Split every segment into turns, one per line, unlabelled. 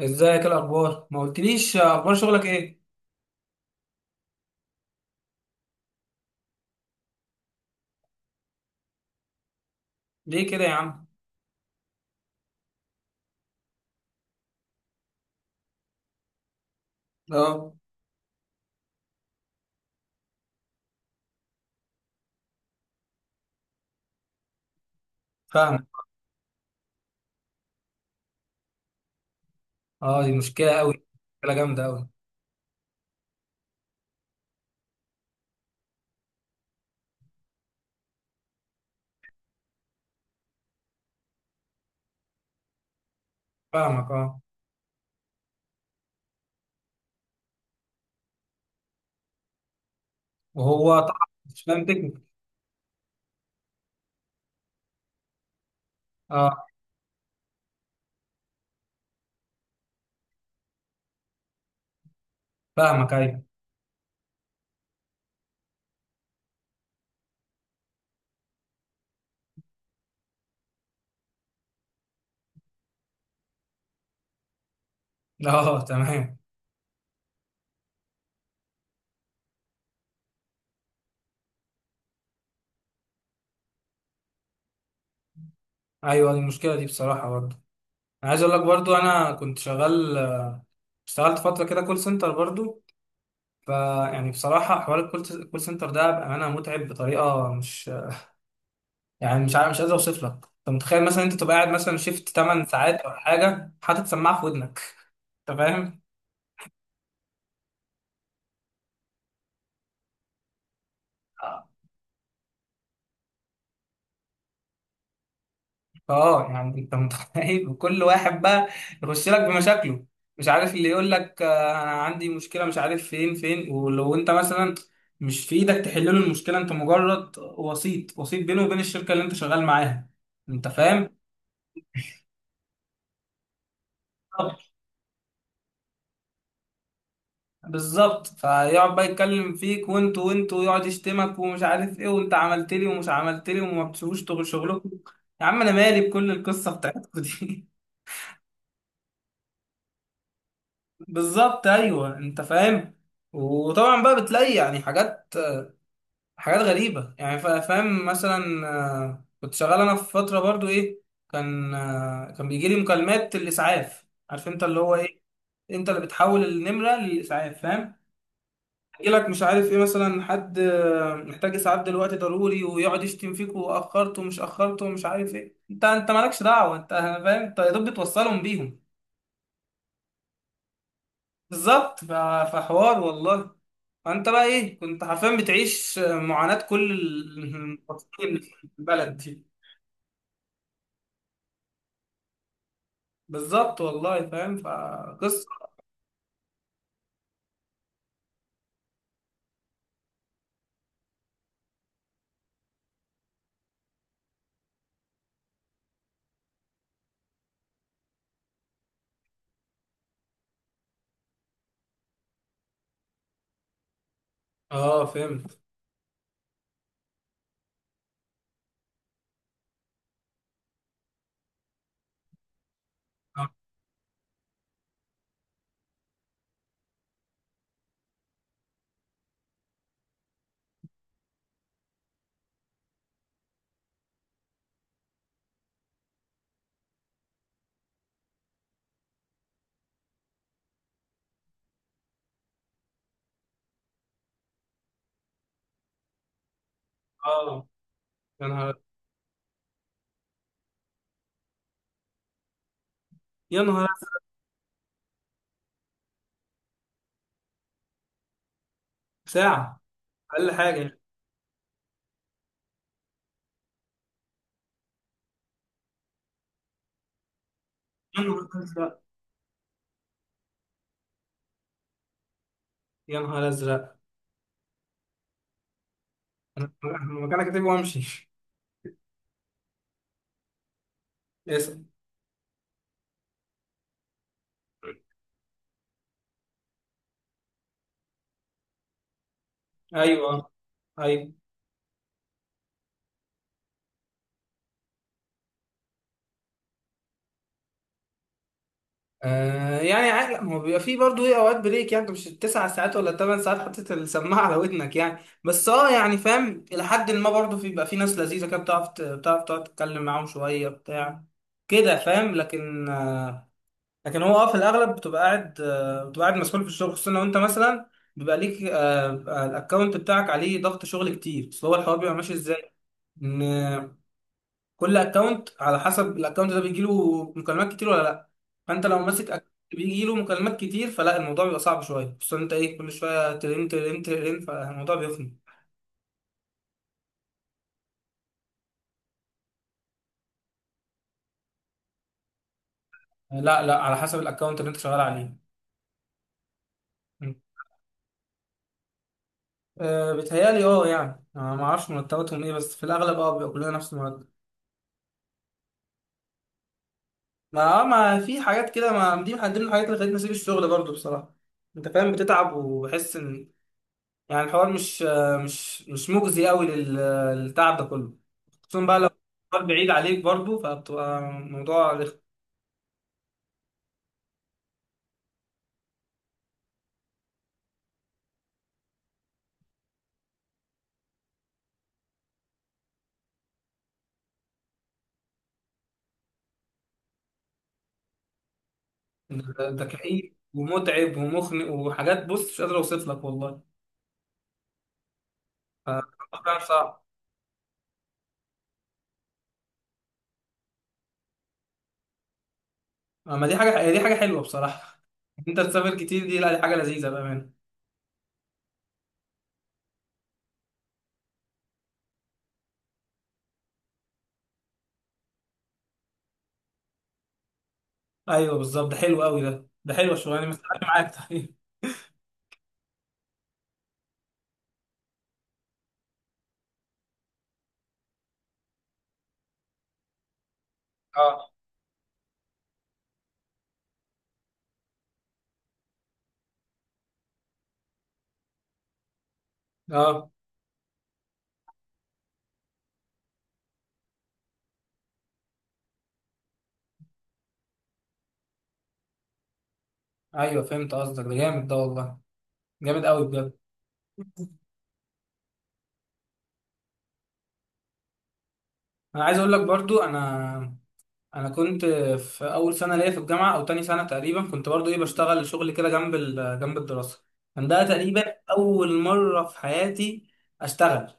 ازيك؟ إيه الاخبار؟ ما قلتليش اخبار شغلك ايه. ليه كده يا عم؟ اه، فاهمك. اه دي مشكله قوي. مشكله جامده قوي. فاهمك اه. وهو طبعا مش فاهم تكنيك. اه فاهمك، ايوه. اه تمام. ايوه دي المشكله دي بصراحه برضه. انا عايز اقول لك برضه، انا كنت شغال، اشتغلت فتره كده كول سنتر برضه. بصراحه حوار الكول سنتر ده بامانه متعب بطريقه مش، مش عارف، مش قادر اوصف لك. انت متخيل مثلا انت تبقى قاعد مثلا شيفت 8 ساعات او حاجه، حاطط سماعه في ودنك؟ انت فاهم؟ اه. يعني انت متخيل؟ وكل واحد بقى يخش لك بمشاكله، مش عارف، اللي يقول لك انا عندي مشكله مش عارف، فين، ولو انت مثلا مش في ايدك تحل له المشكله، انت مجرد وسيط بينه وبين الشركه اللي انت شغال معاها. انت فاهم؟ بالظبط. بالظبط. فيقعد بقى يتكلم فيك، وانت، ويقعد يشتمك ومش عارف ايه، وانت عملت لي ومش عملت لي، وما بتسيبوش شغلكم. يا عم انا مالي بكل القصه بتاعتكم دي. بالظبط، ايوه، انت فاهم. وطبعا بقى بتلاقي يعني حاجات، حاجات غريبه، يعني فاهم مثلا. كنت شغال انا في فتره برضو ايه، كان كان بيجي لي مكالمات الاسعاف، عارف انت اللي هو ايه، انت اللي بتحول النمره للاسعاف، فاهم. يجي لك مش عارف ايه، مثلا حد محتاج اسعاف دلوقتي ضروري، ويقعد يشتم فيك واخرته ومش اخرته ومش عارف ايه، انت مالكش دعوه، انت فاهم، انت يا دوب بتوصلهم بيهم. بالظبط. فحوار والله. فانت بقى ايه، كنت حرفيا بتعيش معاناة كل المواطنين اللي في البلد دي. بالظبط والله، فاهم فقصة. اه فهمت. اه. آه. يا نهار، يا نهار أزرق. ساعة. اقل حاجة. يا نهار ازرق. يا نهار ازرق. مكانك كاتب وامشي. اسأل. ايوه. ايوه. آه يعني عادي، لا، ما هو بيبقى فيه برضه ايه اوقات بريك، يعني انت مش التسع ساعات ولا الثمان ساعات حطيت السماعه على ودنك يعني. بس اه، يعني فاهم الى حد ما برضه بيبقى في ناس لذيذه كده، بتعرف بتعرف تقعد تتكلم معاهم شويه بتاع كده، فاهم. لكن آه، لكن هو اه في الاغلب بتبقى قاعد آه، بتبقى قاعد مسؤول في الشغل، خصوصا لو انت مثلا بيبقى ليك الاكونت بتاعك عليه ضغط شغل كتير، اصل هو الحوار بيبقى ماشي ازاي. كل اكونت على حسب الاكونت ده بيجيله مكالمات كتير ولا لا. فانت لو ماسك اكونت بيجيله مكالمات كتير، فلا الموضوع بيبقى صعب شويه، خصوصا انت ايه كل شويه ترن ترن ترن، فالموضوع بيخنق. لا على حسب الاكونت اللي انت شغال عليه. م. أه بيتهيألي اه، يعني أنا ما اعرفش مرتباتهم ايه، بس في الاغلب اه بيبقى كلنا نفس المرتب. ما اه، ما في حاجات كده، ما دي من ضمن الحاجات اللي خلتني اسيب الشغل برضو بصراحه. انت فاهم، بتتعب وبحس ان، يعني الحوار مش مش مجزي قوي للتعب ده كله. خصوصا بقى لو الحوار بعيد عليك برضو، فبتبقى موضوع ده كئيب ومتعب ومخنق وحاجات، بص مش قادر اوصف لك والله. ف- فعلا صعب. اما دي حاجه، هي دي حاجه حلوه بصراحه. انت تسافر كتير، دي لا دي حاجه لذيذه بامانه. ايوه بالظبط، ده حلو قوي، ده حلوه الشغلانه، يعني مستحيل معاك تحقيق. اه اه. ايوه فهمت قصدك، ده جامد ده والله، جامد قوي بجد. انا عايز اقول لك برضو، انا كنت في اول سنه ليا في الجامعه او تاني سنه تقريبا، كنت برضو ايه بشتغل شغل كده جنب جنب الدراسه. كان ده تقريبا اول مره في حياتي اشتغل.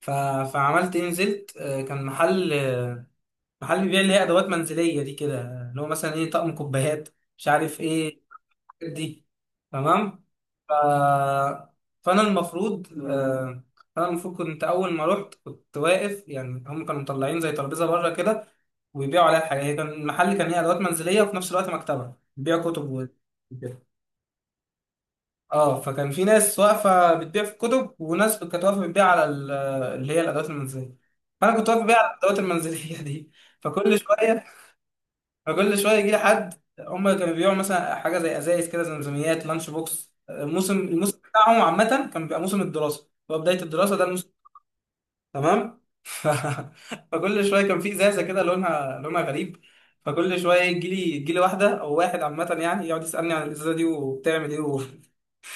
ف... فعملت ايه، نزلت كان محل محل بيبيع اللي هي ادوات منزليه دي كده، اللي هو مثلا ايه طقم كوبايات، مش عارف ايه دي. تمام. ف... فانا المفروض انا المفروض كنت اول ما رحت، كنت واقف، يعني هم كانوا مطلعين زي ترابيزه بره كده ويبيعوا عليها حاجه، هي كان المحل كان هي ادوات منزليه وفي نفس الوقت مكتبه بيبيع كتب و- وكده. اه فكان في ناس واقفه بتبيع في الكتب، وناس كانت واقفه بتبيع على اللي هي الادوات المنزليه. فانا كنت واقف ببيع على الادوات المنزليه دي. فكل شويه، فكل شويه يجي لي حد. هم كانوا بيبيعوا مثلا حاجه زي ازايز كده، زمزميات، لانش بوكس، الموسم بتاعهم عامه كان بيبقى موسم الدراسه، هو بدايه الدراسه ده الموسم. تمام. ف... فكل شويه كان في ازازه كده لونها غريب. فكل شويه يجي لي واحده او واحد عامه، يعني يقعد يسالني عن الازازه دي وبتعمل ايه و...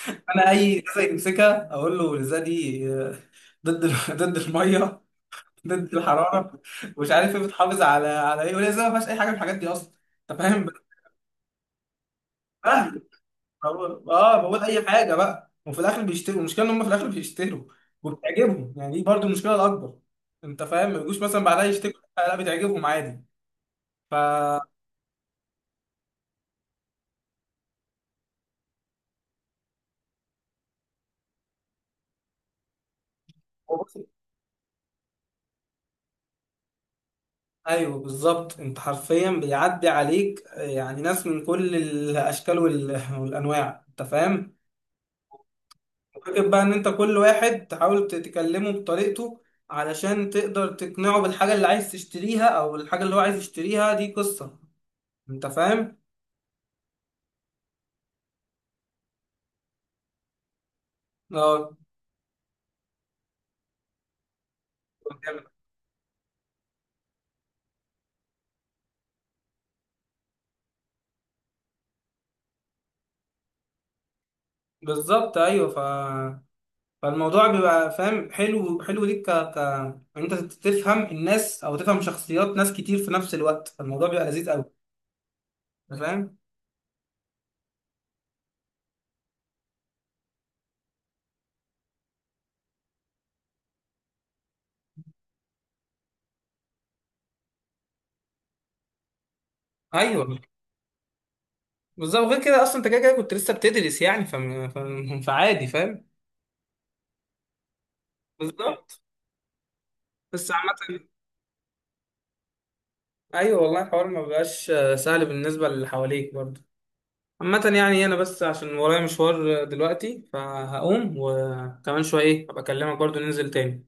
انا اي ازازه يمسكها اقول له الازازه دي ضد ضد الميه، ضد الحراره، مش عارف ايه، بتحافظ على على ايه، والازازه ما فيهاش اي حاجه من الحاجات دي اصلا. انت فاهم. بقول اه، بقول اي حاجه بقى، وفي الاخر بيشتروا. المشكله ان هم في الاخر بيشتروا وبتعجبهم، يعني دي برضو المشكله الاكبر. انت فاهم، ما يجوش مثلا بعدها يشتكوا، لا، بتعجبهم عادي. ف، وبص- ايوه بالظبط، انت حرفيا بيعدي عليك يعني ناس من كل الاشكال والانواع، انت فاهم. فكر بقى ان انت كل واحد تحاول تكلمه بطريقته علشان تقدر تقنعه بالحاجه اللي عايز تشتريها، او الحاجه اللي هو عايز يشتريها، دي قصه. انت فاهم. اه بالظبط، ايوه. ف... فالموضوع بيبقى فاهم حلو، حلو ليك ان انت تفهم الناس او تفهم شخصيات ناس كتير في نفس الوقت، فالموضوع بيبقى لذيذ قوي. انت فاهم. ايوه بالظبط، غير كده اصلا انت كده كده كنت لسه بتدرس يعني، فعادي، فاهم. بالظبط. بس عامة، ايوه والله الحوار ما بقاش سهل بالنسبة للي حواليك برضه. عامة يعني انا بس عشان ورايا مشوار دلوقتي فهقوم وكمان شوية، ايه هبقى اكلمك برضه، ننزل تاني.